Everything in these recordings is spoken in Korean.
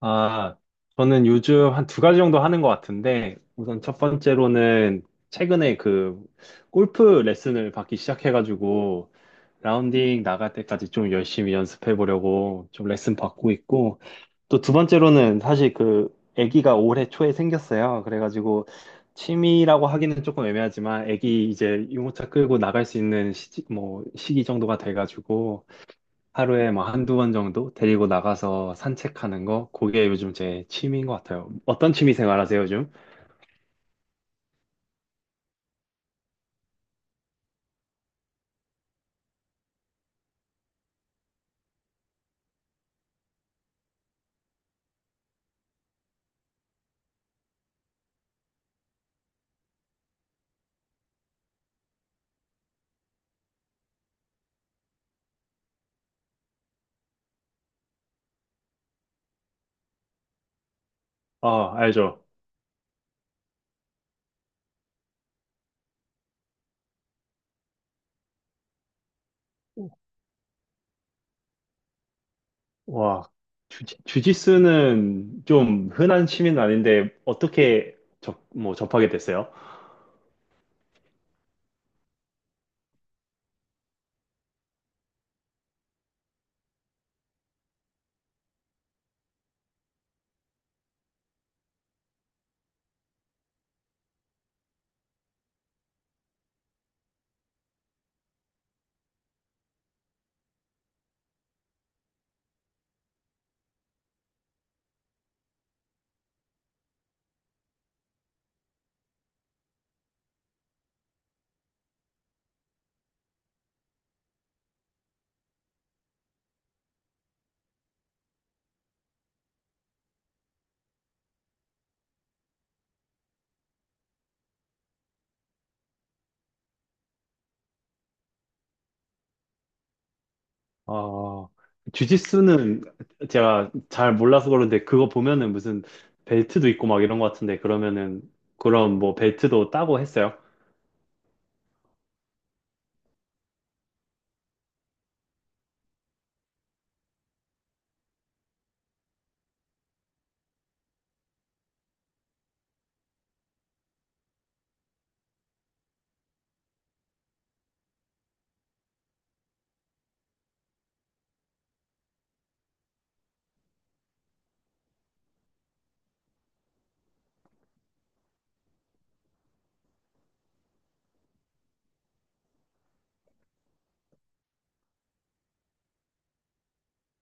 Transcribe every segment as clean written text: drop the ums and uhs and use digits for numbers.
아, 저는 요즘 한 두 가지 정도 하는 것 같은데, 우선 첫 번째로는 최근에 그 골프 레슨을 받기 시작해가지고, 라운딩 나갈 때까지 좀 열심히 연습해 보려고 좀 레슨 받고 있고, 또 두 번째로는 사실 그 아기가 올해 초에 생겼어요. 그래가지고 취미라고 하기는 조금 애매하지만 아기 이제 유모차 끌고 나갈 수 있는 시기, 뭐 시기 정도가 돼가지고 하루에 뭐 한두 번 정도 데리고 나가서 산책하는 거, 그게 요즘 제 취미인 것 같아요. 어떤 취미 생활 하세요, 요즘? 아, 알죠. 와, 주짓수는 좀 흔한 취미는 아닌데, 어떻게 뭐 접하게 됐어요? 아, 주짓수는 제가 잘 몰라서 그런데, 그거 보면은 무슨 벨트도 있고 막 이런 것 같은데, 그러면은, 그럼 뭐 벨트도 따고 했어요?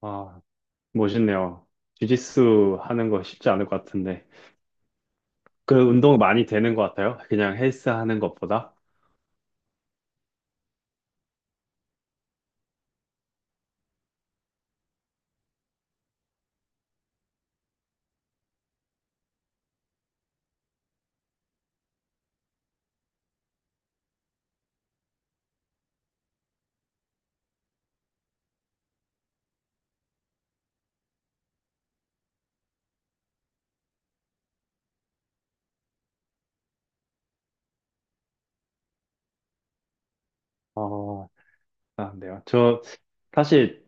아, 멋있네요. 주짓수 하는 거 쉽지 않을 것 같은데. 그 운동 많이 되는 것 같아요. 그냥 헬스 하는 것보다. 어, 아, 네요. 저 사실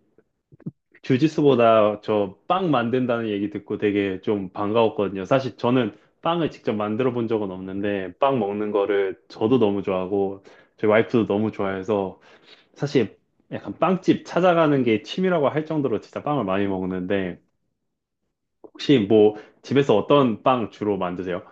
주짓수보다 저 빵 만든다는 얘기 듣고 되게 좀 반가웠거든요. 사실 저는 빵을 직접 만들어 본 적은 없는데 빵 먹는 거를 저도 너무 좋아하고 저희 와이프도 너무 좋아해서 사실 약간 빵집 찾아가는 게 취미라고 할 정도로 진짜 빵을 많이 먹는데 혹시 뭐 집에서 어떤 빵 주로 만드세요?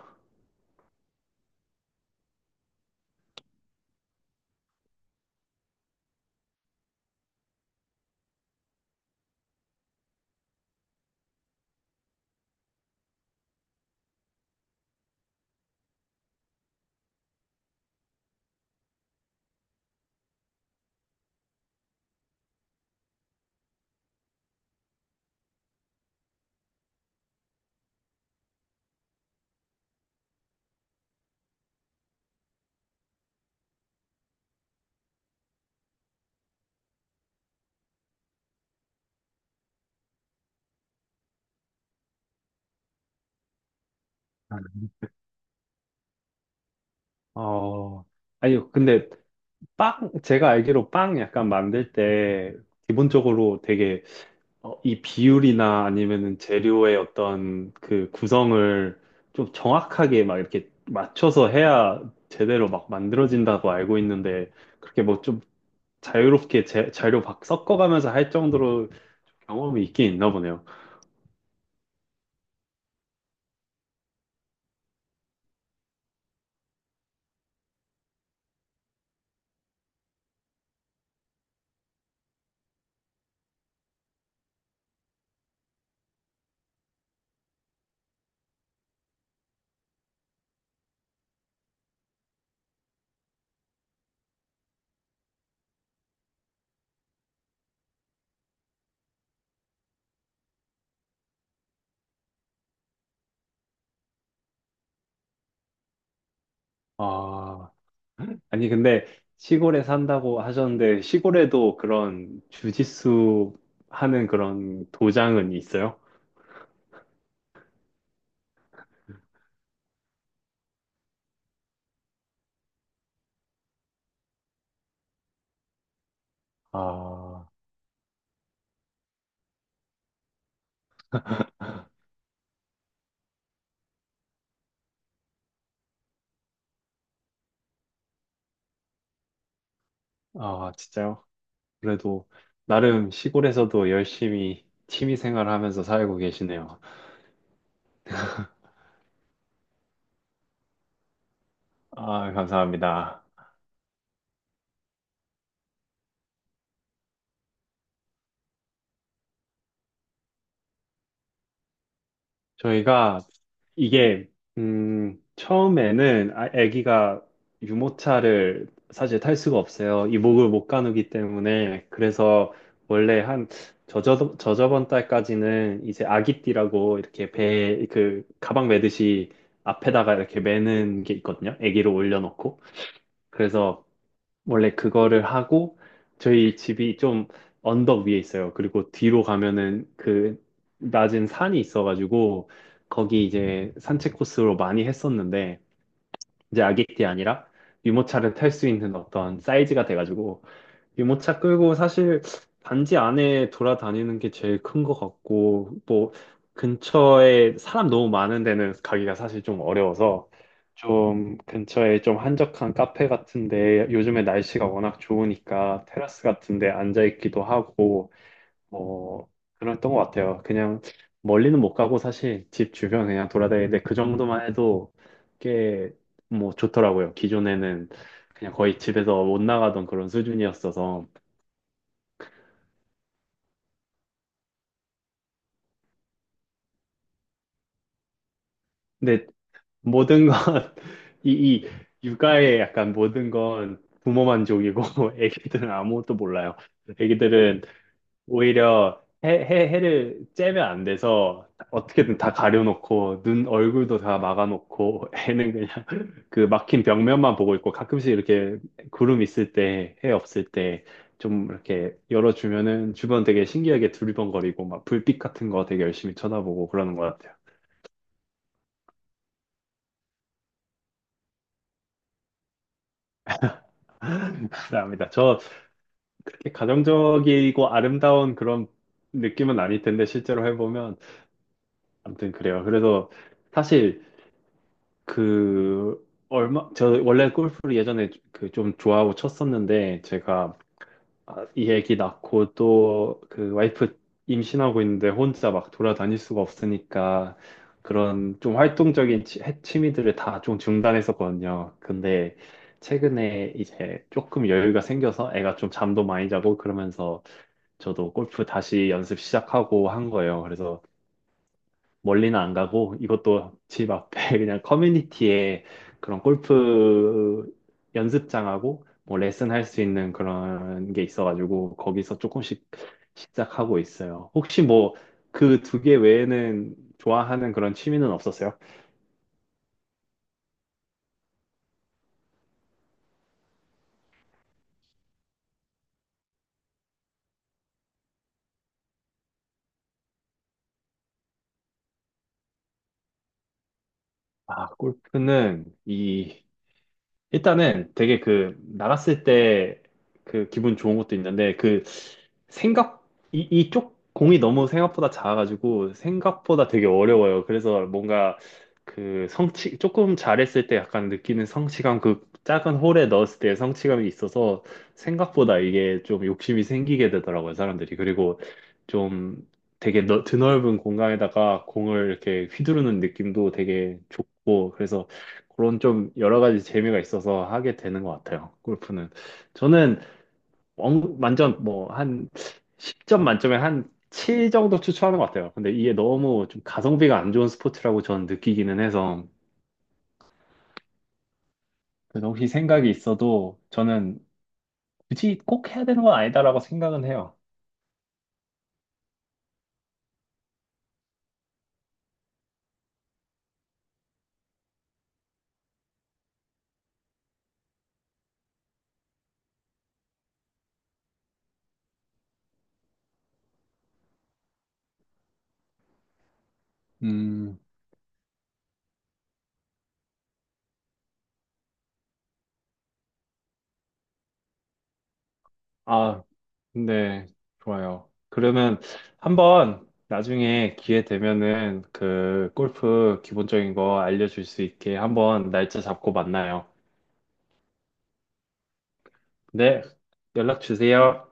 어, 아니요. 근데 빵, 제가 알기로 빵 약간 만들 때 기본적으로 되게 어, 이 비율이나 아니면은 재료의 어떤 그 구성을 좀 정확하게 막 이렇게 맞춰서 해야 제대로 막 만들어진다고 알고 있는데 그렇게 뭐 좀 자유롭게 재료 막 섞어가면서 할 정도로 경험이 있긴 있나 보네요. 아, 아니 근데 시골에 산다고 하셨는데 시골에도 그런 주짓수 하는 그런 도장은 있어요? 아, 아, 진짜요? 그래도 나름 시골에서도 열심히 취미 생활하면서 살고 계시네요. 아, 감사합니다. 저희가 이게 처음에는 아기가 유모차를 사실 탈 수가 없어요. 이목을 못 가누기 때문에 그래서 원래 한 저저번 달까지는 이제 아기띠라고 이렇게 배 그 가방 매듯이 앞에다가 이렇게 매는 게 있거든요. 아기를 올려놓고 그래서 원래 그거를 하고 저희 집이 좀 언덕 위에 있어요. 그리고 뒤로 가면은 그 낮은 산이 있어가지고 거기 이제 산책 코스로 많이 했었는데 이제 아기띠 아니라 유모차를 탈 수 있는 어떤 사이즈가 돼가지고 유모차 끌고 사실 단지 안에 돌아다니는 게 제일 큰 것 같고, 뭐, 근처에 사람 너무 많은 데는 가기가 사실 좀 어려워서, 좀 근처에 좀 한적한 카페 같은데, 요즘에 날씨가 워낙 좋으니까 테라스 같은데 앉아있기도 하고, 뭐, 그랬던 것 같아요. 그냥 멀리는 못 가고 사실 집 주변 그냥 돌아다니는데 그 정도만 해도 꽤 뭐 좋더라고요. 기존에는 그냥 거의 집에서 못 나가던 그런 수준이었어서. 근데 모든 건, 이, 이 육아의 약간 모든 건 부모 만족이고, 애기들은 아무것도 몰라요. 애기들은 오히려 해를 째면 안 돼서 어떻게든 다 가려놓고, 눈, 얼굴도 다 막아놓고, 애는 그냥 그 막힌 벽면만 보고 있고, 가끔씩 이렇게 구름 있을 때, 해 없을 때, 좀 이렇게 열어주면은 주변 되게 신기하게 두리번거리고, 막 불빛 같은 거 되게 열심히 쳐다보고 그러는 것 같아요. 감사합니다. 저 이렇게 가정적이고 아름다운 그런 느낌은 아닐 텐데 실제로 해보면 아무튼 그래요. 그래서 사실 그 얼마 저 원래 골프를 예전에 그 좀 좋아하고 쳤었는데 제가 아, 이 애기 낳고 또 그 와이프 임신하고 있는데 혼자 막 돌아다닐 수가 없으니까 그런 좀 활동적인 취미들을 다 좀 중단했었거든요. 근데 최근에 이제 조금 여유가 생겨서 애가 좀 잠도 많이 자고 그러면서 저도 골프 다시 연습 시작하고 한 거예요. 그래서 멀리는 안 가고 이것도 집 앞에 그냥 커뮤니티에 그런 골프 연습장하고 뭐 레슨 할 수 있는 그런 게 있어가지고 거기서 조금씩 시작하고 있어요. 혹시 뭐 그 두 개 외에는 좋아하는 그런 취미는 없었어요? 아, 골프는 이 일단은 되게 그 나갔을 때 그 기분 좋은 것도 있는데 그 생각 이 이쪽 공이 너무 생각보다 작아가지고 생각보다 되게 어려워요. 그래서 뭔가 그 성취 조금 잘했을 때 약간 느끼는 성취감 그 작은 홀에 넣었을 때 성취감이 있어서 생각보다 이게 좀 욕심이 생기게 되더라고요, 사람들이. 그리고 좀 되게 드넓은 공간에다가 공을 이렇게 휘두르는 느낌도 되게 좋고 그래서 그런 좀 여러 가지 재미가 있어서 하게 되는 것 같아요. 골프는. 저는 완전 뭐 한 10점 만점에 한 7 정도 추천하는 것 같아요. 근데 이게 너무 좀 가성비가 안 좋은 스포츠라고 저는 느끼기는 해서 그래서 혹시 생각이 있어도 저는 굳이 꼭 해야 되는 건 아니다라고 생각은 해요. 음, 아, 근데 좋아요. 그러면 한번 나중에 기회 되면은 그 골프 기본적인 거 알려줄 수 있게 한번 날짜 잡고 만나요. 네, 연락 주세요.